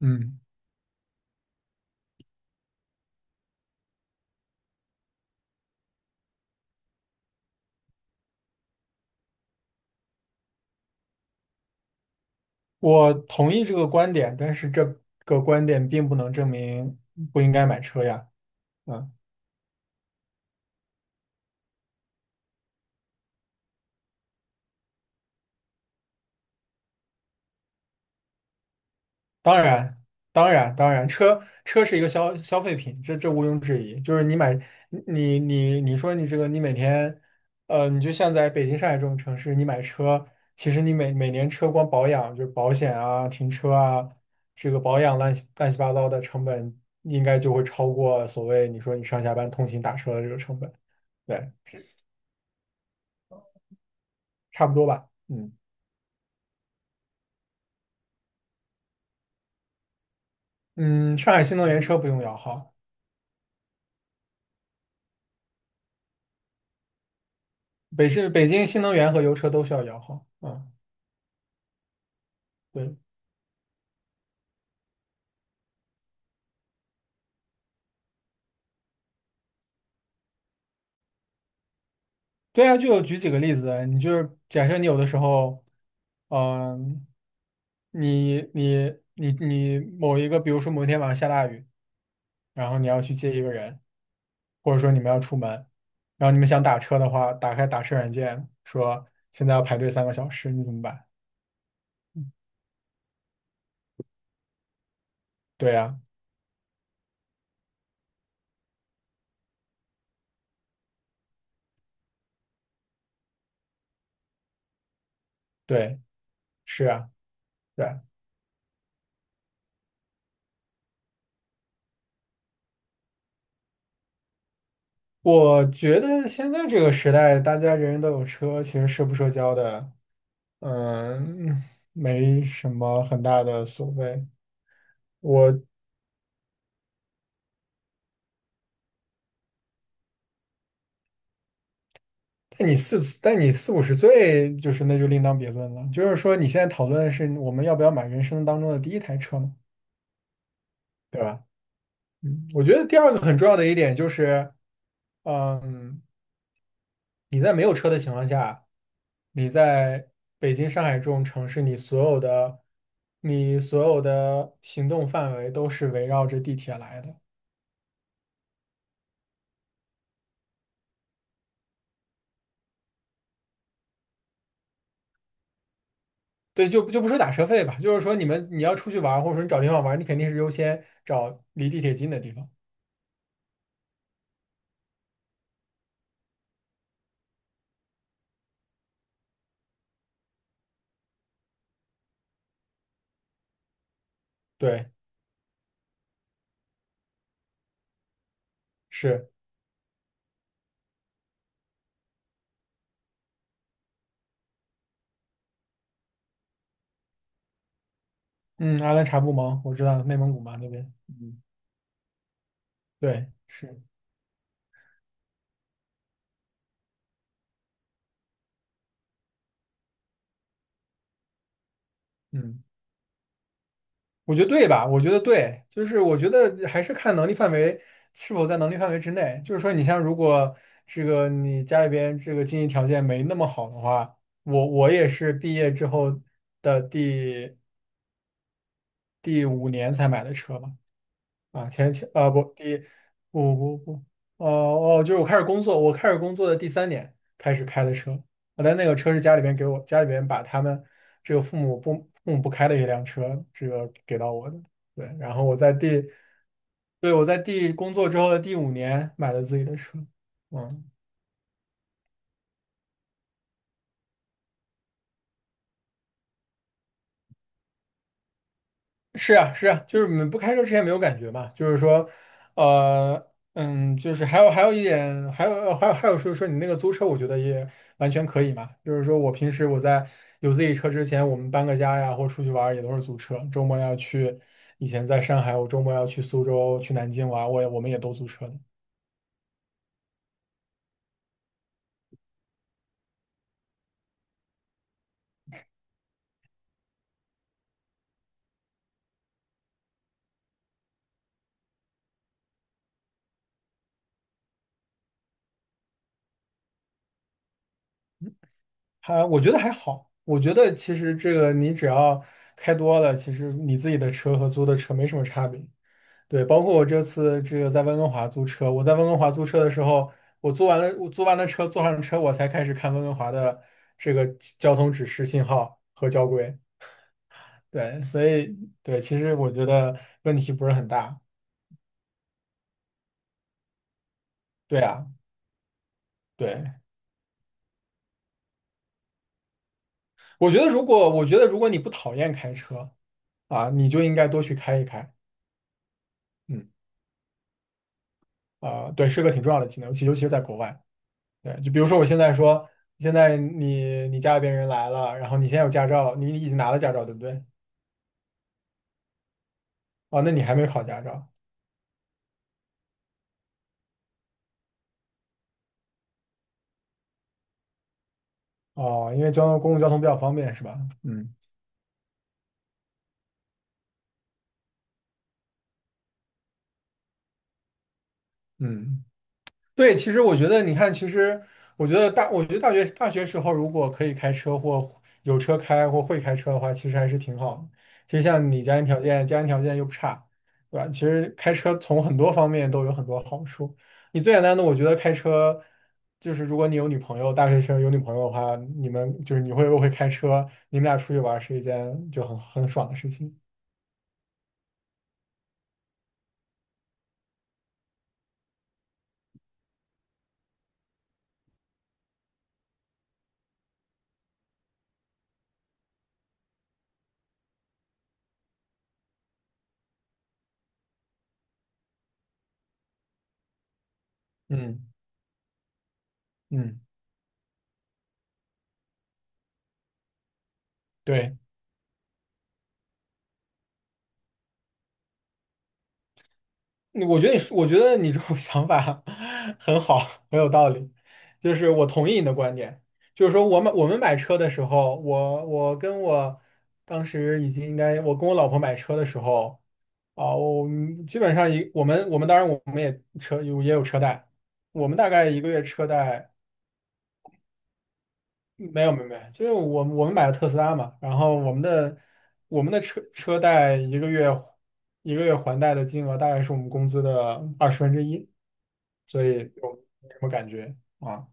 嗯，我同意这个观点，但是这个观点并不能证明不应该买车呀。嗯，当然，当然，当然，车是一个消费品，这毋庸置疑。就是你买，你说你这个，你每天，你就像在北京、上海这种城市，你买车，其实你每年车光保养，就是保险啊、停车啊，这个保养乱七乱七八糟的成本，应该就会超过所谓你说你上下班通勤打车的这个成本。对。差不多吧。嗯。嗯，上海新能源车不用摇号。北京新能源和油车都需要摇号。嗯，对。对啊，就举几个例子啊，你就是假设你有的时候，嗯、你某一个，比如说某一天晚上下大雨，然后你要去接一个人，或者说你们要出门，然后你们想打车的话，打开打车软件，说现在要排队3个小时，你怎么办？对呀、对，是啊，对。我觉得现在这个时代，大家人人都有车，其实社不社交的，嗯，没什么很大的所谓。我，但你四五十岁，就是那就另当别论了。就是说，你现在讨论的是我们要不要买人生当中的第一台车嘛，对吧？嗯，我觉得第二个很重要的一点就是，嗯。你在没有车的情况下，你在北京、上海这种城市，你所有的行动范围都是围绕着地铁来的。对，就不说打车费吧，就是说你们你要出去玩儿，或者说你找地方玩儿，你肯定是优先找离地铁近的地方。对，是，嗯，阿兰察布盟我知道内蒙古嘛那边，嗯，对，是，嗯。我觉得对吧？我觉得对，就是我觉得还是看能力范围是否在能力范围之内。就是说，你像如果这个你家里边这个经济条件没那么好的话，我也是毕业之后的第五年才买的车嘛。啊，前前啊不，第不不不，哦哦，我开始工作的第3年开始开的车，我的那个车是家里边把他们这个父母不开的一辆车，这个给到我的，对，然后我在第，对我在工作之后的第五年买了自己的车，嗯。是啊，是啊，就是们不开车之前没有感觉嘛，就是说，呃，就是还有一点，还有说说你那个租车，我觉得也完全可以嘛。就是说我平时我在有自己车之前，我们搬个家呀，或出去玩儿也都是租车。周末要去，以前在上海，我周末要去苏州、去南京玩儿，我们也都租车的。我觉得还好，我觉得其实这个你只要开多了，其实你自己的车和租的车没什么差别。对，包括我这次这个在温哥华租车，我在温哥华租车的时候，我租完了车，坐上车，我才开始看温哥华的这个交通指示信号和交规。对，所以对，其实我觉得问题不是很大。对啊，对，我觉得如果你不讨厌开车啊，你就应该多去开一开。嗯，啊、对，是个挺重要的技能，尤其是在国外。对，就比如说我现在说，现在你你家里边人来了，然后你现在有驾照，你已经拿了驾照，对不对？哦，那你还没考驾照。哦，因为交通公共交通比较方便是吧？嗯。嗯，对，其实我觉得你看，其实我觉得大学时候如果可以开车或有车开或会开车的话，其实还是挺好的。其实像你家庭条件又不差，对吧？其实开车从很多方面都有很多好处。你最简单的，我觉得开车就是如果你有女朋友，大学生有女朋友的话，你们就是你会不会开车，你们俩出去玩儿是一件就很爽的事情。嗯。嗯。对，我觉得你这种想法 很好，很有道理。就是我同意你的观点，就是说我买我们买车的时候，我我跟我当时已经应该，我跟我老婆买车的时候，啊、我们基本上一我们当然我们也有车贷，我们大概一个月车贷没有没有没有，就是我们买了特斯拉嘛，然后我们的车贷一个月还贷的金额大概是我们工资的1/20。所以就没什么感觉啊，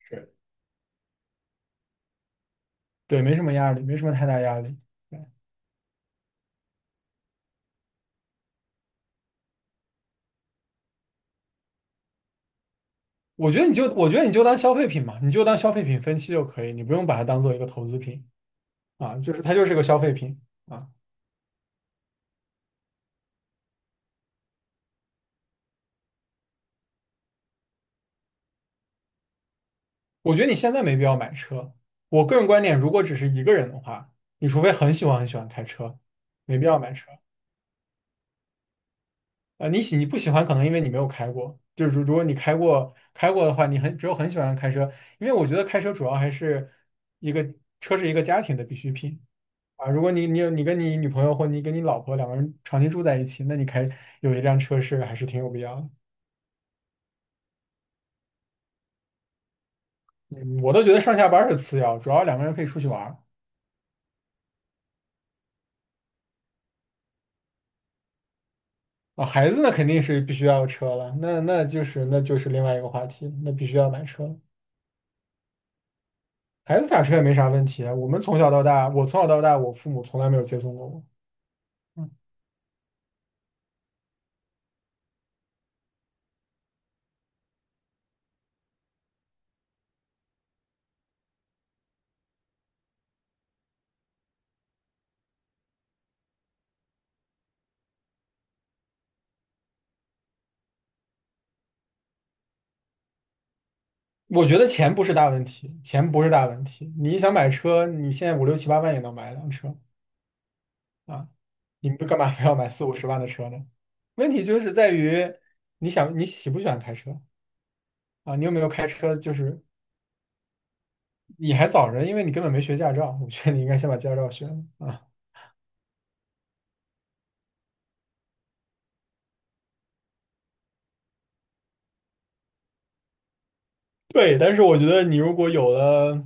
是。对，没什么压力，没什么太大压力。对，我觉得你就我觉得你就当消费品嘛，你就当消费品分期就可以，你不用把它当做一个投资品啊，就是它就是个消费品啊。我觉得你现在没必要买车。我个人观点，如果只是一个人的话，你除非很喜欢很喜欢开车，没必要买车。呃，你不喜欢，可能因为你没有开过。就是如果你开过开过的话，你很只有很喜欢开车，因为我觉得开车主要还是一个车是一个家庭的必需品。啊，如果你你有你跟你女朋友或你跟你老婆两个人长期住在一起，那你开有一辆车是还是挺有必要的。嗯，我都觉得上下班儿是次要，主要两个人可以出去玩儿啊。孩子呢肯定是必须要有车了，那就是另外一个话题了，那必须要买车了。孩子打车也没啥问题啊，我从小到大，我父母从来没有接送过我。嗯，我觉得钱不是大问题，钱不是大问题。你想买车，你现在五六七八万也能买一辆车。啊，你们干嘛非要买四五十万的车呢？问题就是在于你喜不喜欢开车啊？你有没有开车？就是你还早着，因为你根本没学驾照。我觉得你应该先把驾照学了啊。对，但是我觉得你如果有了，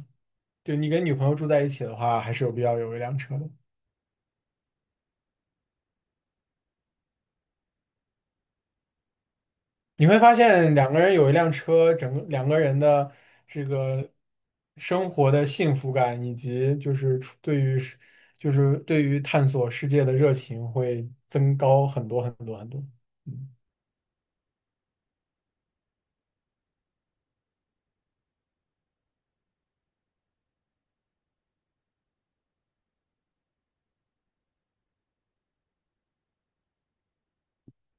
就你跟女朋友住在一起的话，还是有必要有一辆车的。你会发现两个人有一辆车，整个两个人的这个生活的幸福感，以及就是出对于世就是对于探索世界的热情会增高很多很多很多。嗯